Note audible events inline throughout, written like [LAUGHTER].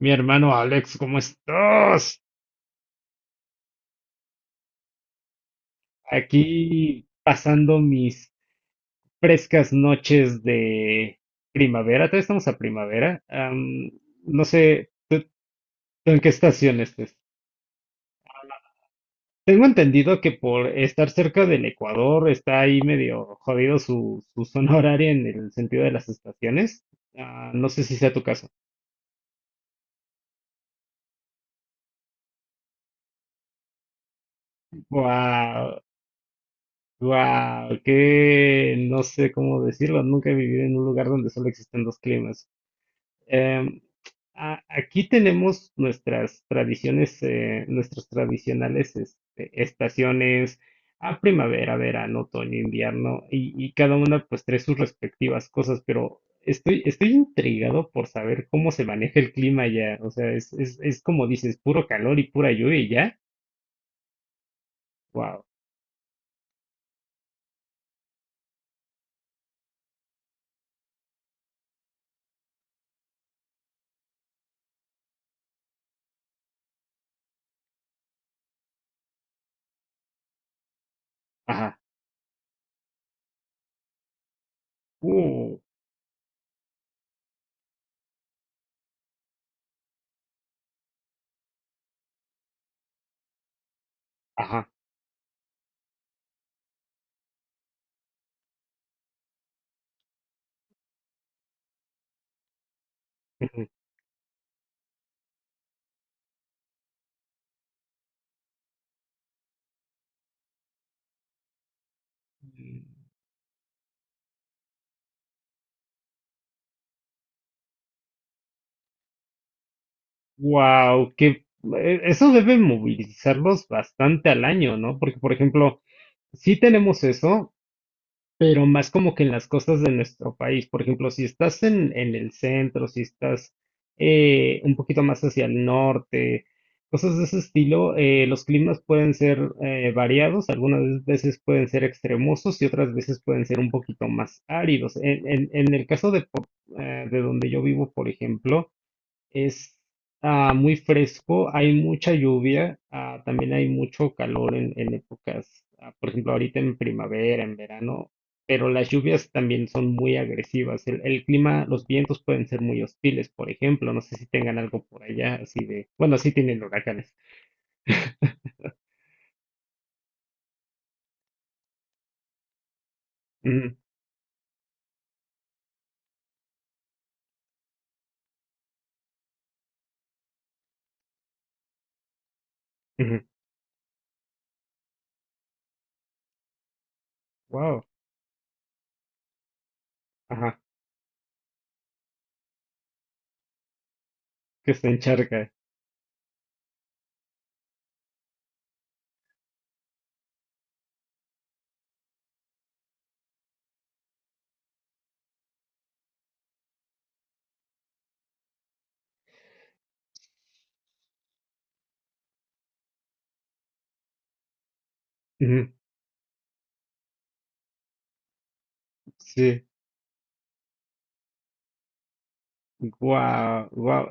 Mi hermano Alex, ¿cómo estás? Aquí pasando mis frescas noches de primavera. Todavía estamos a primavera. No sé, ¿tú en qué estación estés? Tengo entendido que por estar cerca del Ecuador está ahí medio jodido su zona [LAUGHS] horaria en el sentido de las estaciones. Ah, no sé si sea tu caso. Wow, wow, que no sé cómo decirlo. Nunca he vivido en un lugar donde solo existen dos climas. Em, Aquí tenemos nuestras tradiciones, nuestras tradicionales este, estaciones a primavera, verano, otoño, invierno, y, cada una pues trae sus respectivas cosas, pero estoy intrigado por saber cómo se maneja el clima allá. O sea, es como dices, puro calor y pura lluvia y ya. Wow. Ajá. Uh, ajá. [LAUGHS] Wow, que eso debe movilizarlos bastante al año, ¿no? Porque, por ejemplo, sí tenemos eso, pero más como que en las costas de nuestro país. Por ejemplo, si estás en el centro, si estás un poquito más hacia el norte, cosas de ese estilo, los climas pueden ser variados, algunas veces pueden ser extremosos y otras veces pueden ser un poquito más áridos. En el caso de donde yo vivo, por ejemplo, es muy fresco, hay mucha lluvia, también hay mucho calor en épocas, por ejemplo, ahorita en primavera, en verano, pero las lluvias también son muy agresivas. El clima, los vientos pueden ser muy hostiles, por ejemplo, no sé si tengan algo por allá así de, bueno, sí tienen huracanes. Ujú, ujú. Wow, ajá, que se encharca. Ujú, sí, wow, wow.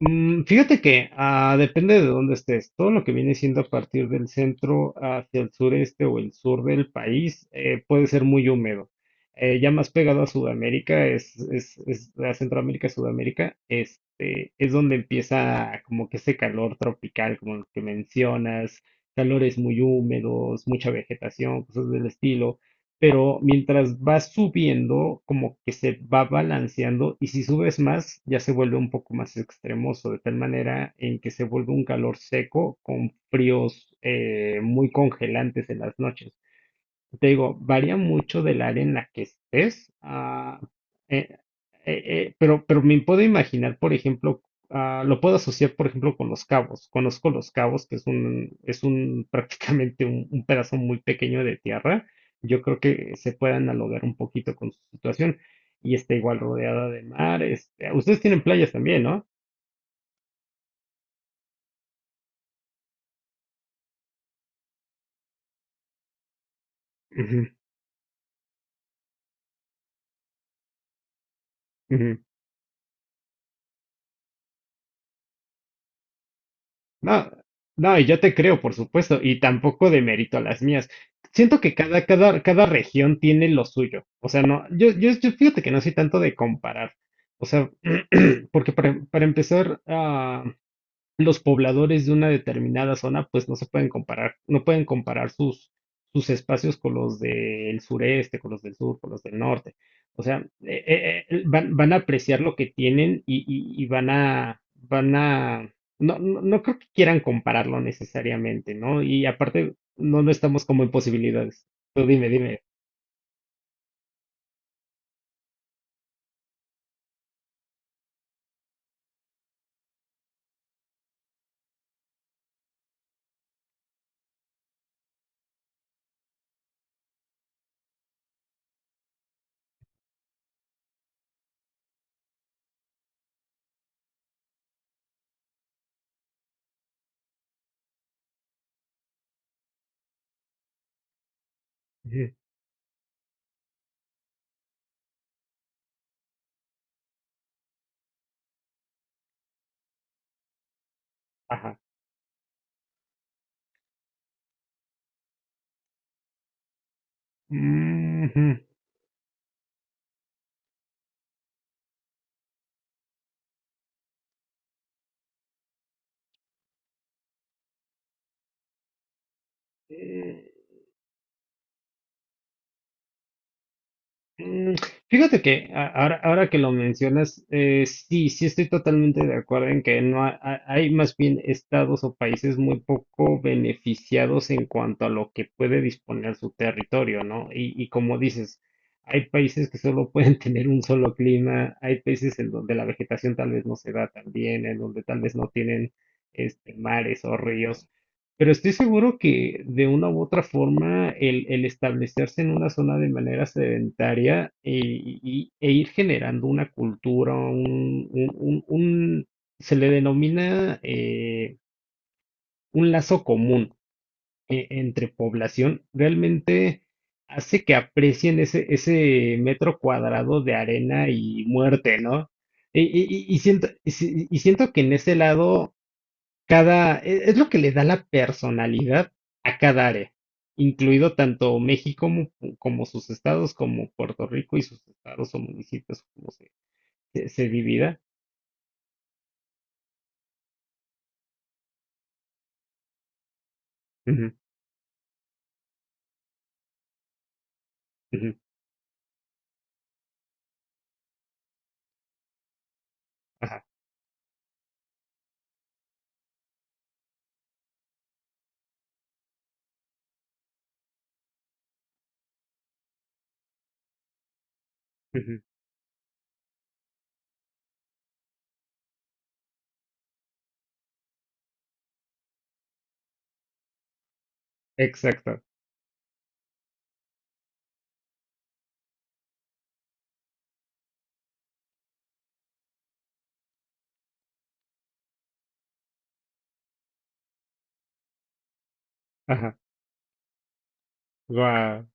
Mm, fíjate que depende de dónde estés. Todo lo que viene siendo a partir del centro hacia el sureste o el sur del país puede ser muy húmedo. Ya más pegado a Sudamérica, es a Centroamérica, Sudamérica, este, es donde empieza como que ese calor tropical, como el que mencionas, calores muy húmedos, mucha vegetación, cosas del estilo. Pero mientras vas subiendo, como que se va balanceando y si subes más, ya se vuelve un poco más extremoso, de tal manera en que se vuelve un calor seco con fríos muy congelantes en las noches. Te digo, varía mucho del área en la que estés, eh, eh, pero me puedo imaginar, por ejemplo, lo puedo asociar, por ejemplo, con Los Cabos. Conozco Los Cabos, que es un [LAUGHS] prácticamente un pedazo muy pequeño de tierra. Yo creo que se puede analogar un poquito con su situación. Y está igual rodeada de mar. Este, ustedes tienen playas también, ¿no? Ujú, ujú. No, no, y yo te creo, por supuesto, y tampoco de mérito a las mías. Siento que cada región tiene lo suyo. O sea, no, yo fíjate que no soy tanto de comparar. O sea, [CLEARS THROAT] porque para empezar, los pobladores de una determinada zona, pues no se pueden comparar, no pueden comparar sus espacios con los del sureste, con los del sur, con los del norte. O sea, van a apreciar lo que tienen y van van a, no, no, no creo que quieran compararlo necesariamente, ¿no? Y aparte, no, no estamos como en posibilidades. Tú dime, dime. Ujú. Ajá. Mm. Ujú. Eh, Mm, fíjate que ahora que lo mencionas, sí, sí estoy totalmente de acuerdo en que no hay más bien estados o países muy poco beneficiados en cuanto a lo que puede disponer su territorio, ¿no? Como dices, hay países que solo pueden [LAUGHS] tener un solo clima, hay países en donde la vegetación tal vez no se da tan bien, en donde tal vez no tienen este, mares o ríos. Pero estoy seguro que de una u otra forma el establecerse en una zona de manera sedentaria e ir generando una cultura, se le denomina un lazo común entre población, realmente hace que aprecien ese metro cuadrado de arena y muerte, ¿no? Y siento, y y siento que en ese lado cada e es lo que le da la personalidad a cada área, incluido tanto México como como sus estados, como Puerto Rico y sus estados o municipios, como se divida. Ujú, ujú, ajá, ujú, exacto, ajá, guau.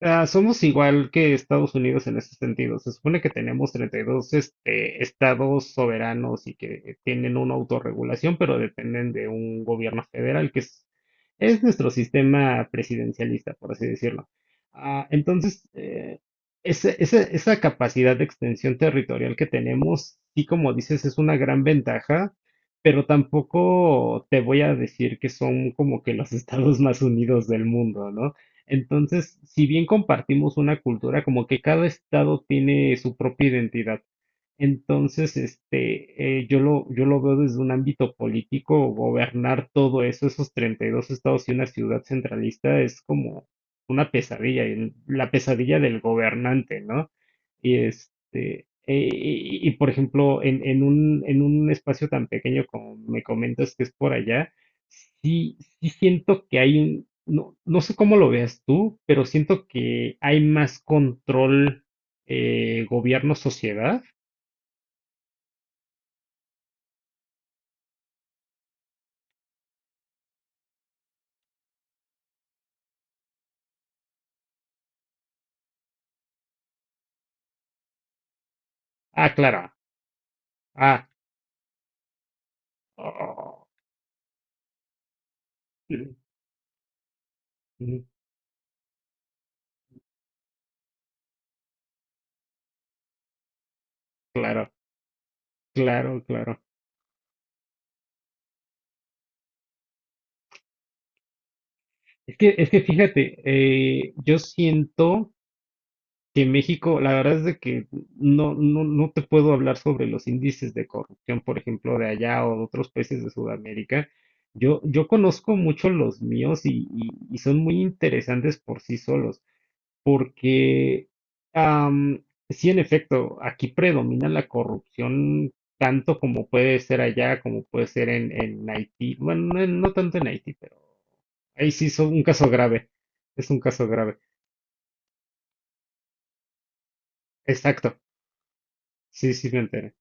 Ah, somos igual que Estados Unidos en ese sentido. Se supone que tenemos 32 este, estados soberanos y que tienen una autorregulación, pero dependen de un gobierno federal, que es nuestro sistema presidencialista, por así decirlo. Ah, entonces, esa capacidad de extensión territorial que tenemos, sí, como dices, es una gran ventaja, pero tampoco te voy a decir que son como que los [LAUGHS] estados más unidos del mundo, ¿no? Entonces, si bien compartimos una cultura, como que cada estado tiene su propia identidad. Entonces, este, yo lo veo desde un ámbito político, gobernar todo eso, esos 32 estados y una ciudad centralista es como una pesadilla, la pesadilla del gobernante, ¿no? Y este, y, por ejemplo, en un espacio tan pequeño como me comentas que es por allá, sí, sí siento que hay un, no, no sé cómo lo veas tú, pero siento que hay más control, gobierno-sociedad. Ah, claro. Ah, oh, mm, mm, claro, claro, claro. Es que fíjate, yo siento que México, la verdad es de que no, no, no te puedo hablar sobre los índices de corrupción, por ejemplo, de allá o de otros países de Sudamérica. Yo conozco mucho los míos y son muy interesantes por sí solos. Porque, am, sí, en efecto, aquí predomina la corrupción tanto como puede ser allá, como puede ser en Haití. Bueno, no, no tanto en Haití, pero ahí sí es un caso grave. Es un caso grave. Exacto. Sí, sí, me enteré.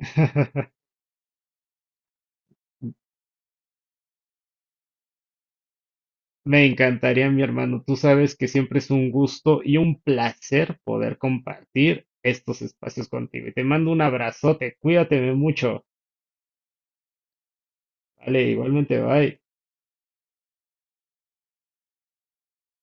[LAUGHS] Me encantaría, mi hermano. Tú sabes que siempre es un gusto y un placer poder compartir estos espacios contigo. Y te mando un abrazote. Cuídate mucho. Vale, igualmente, bye.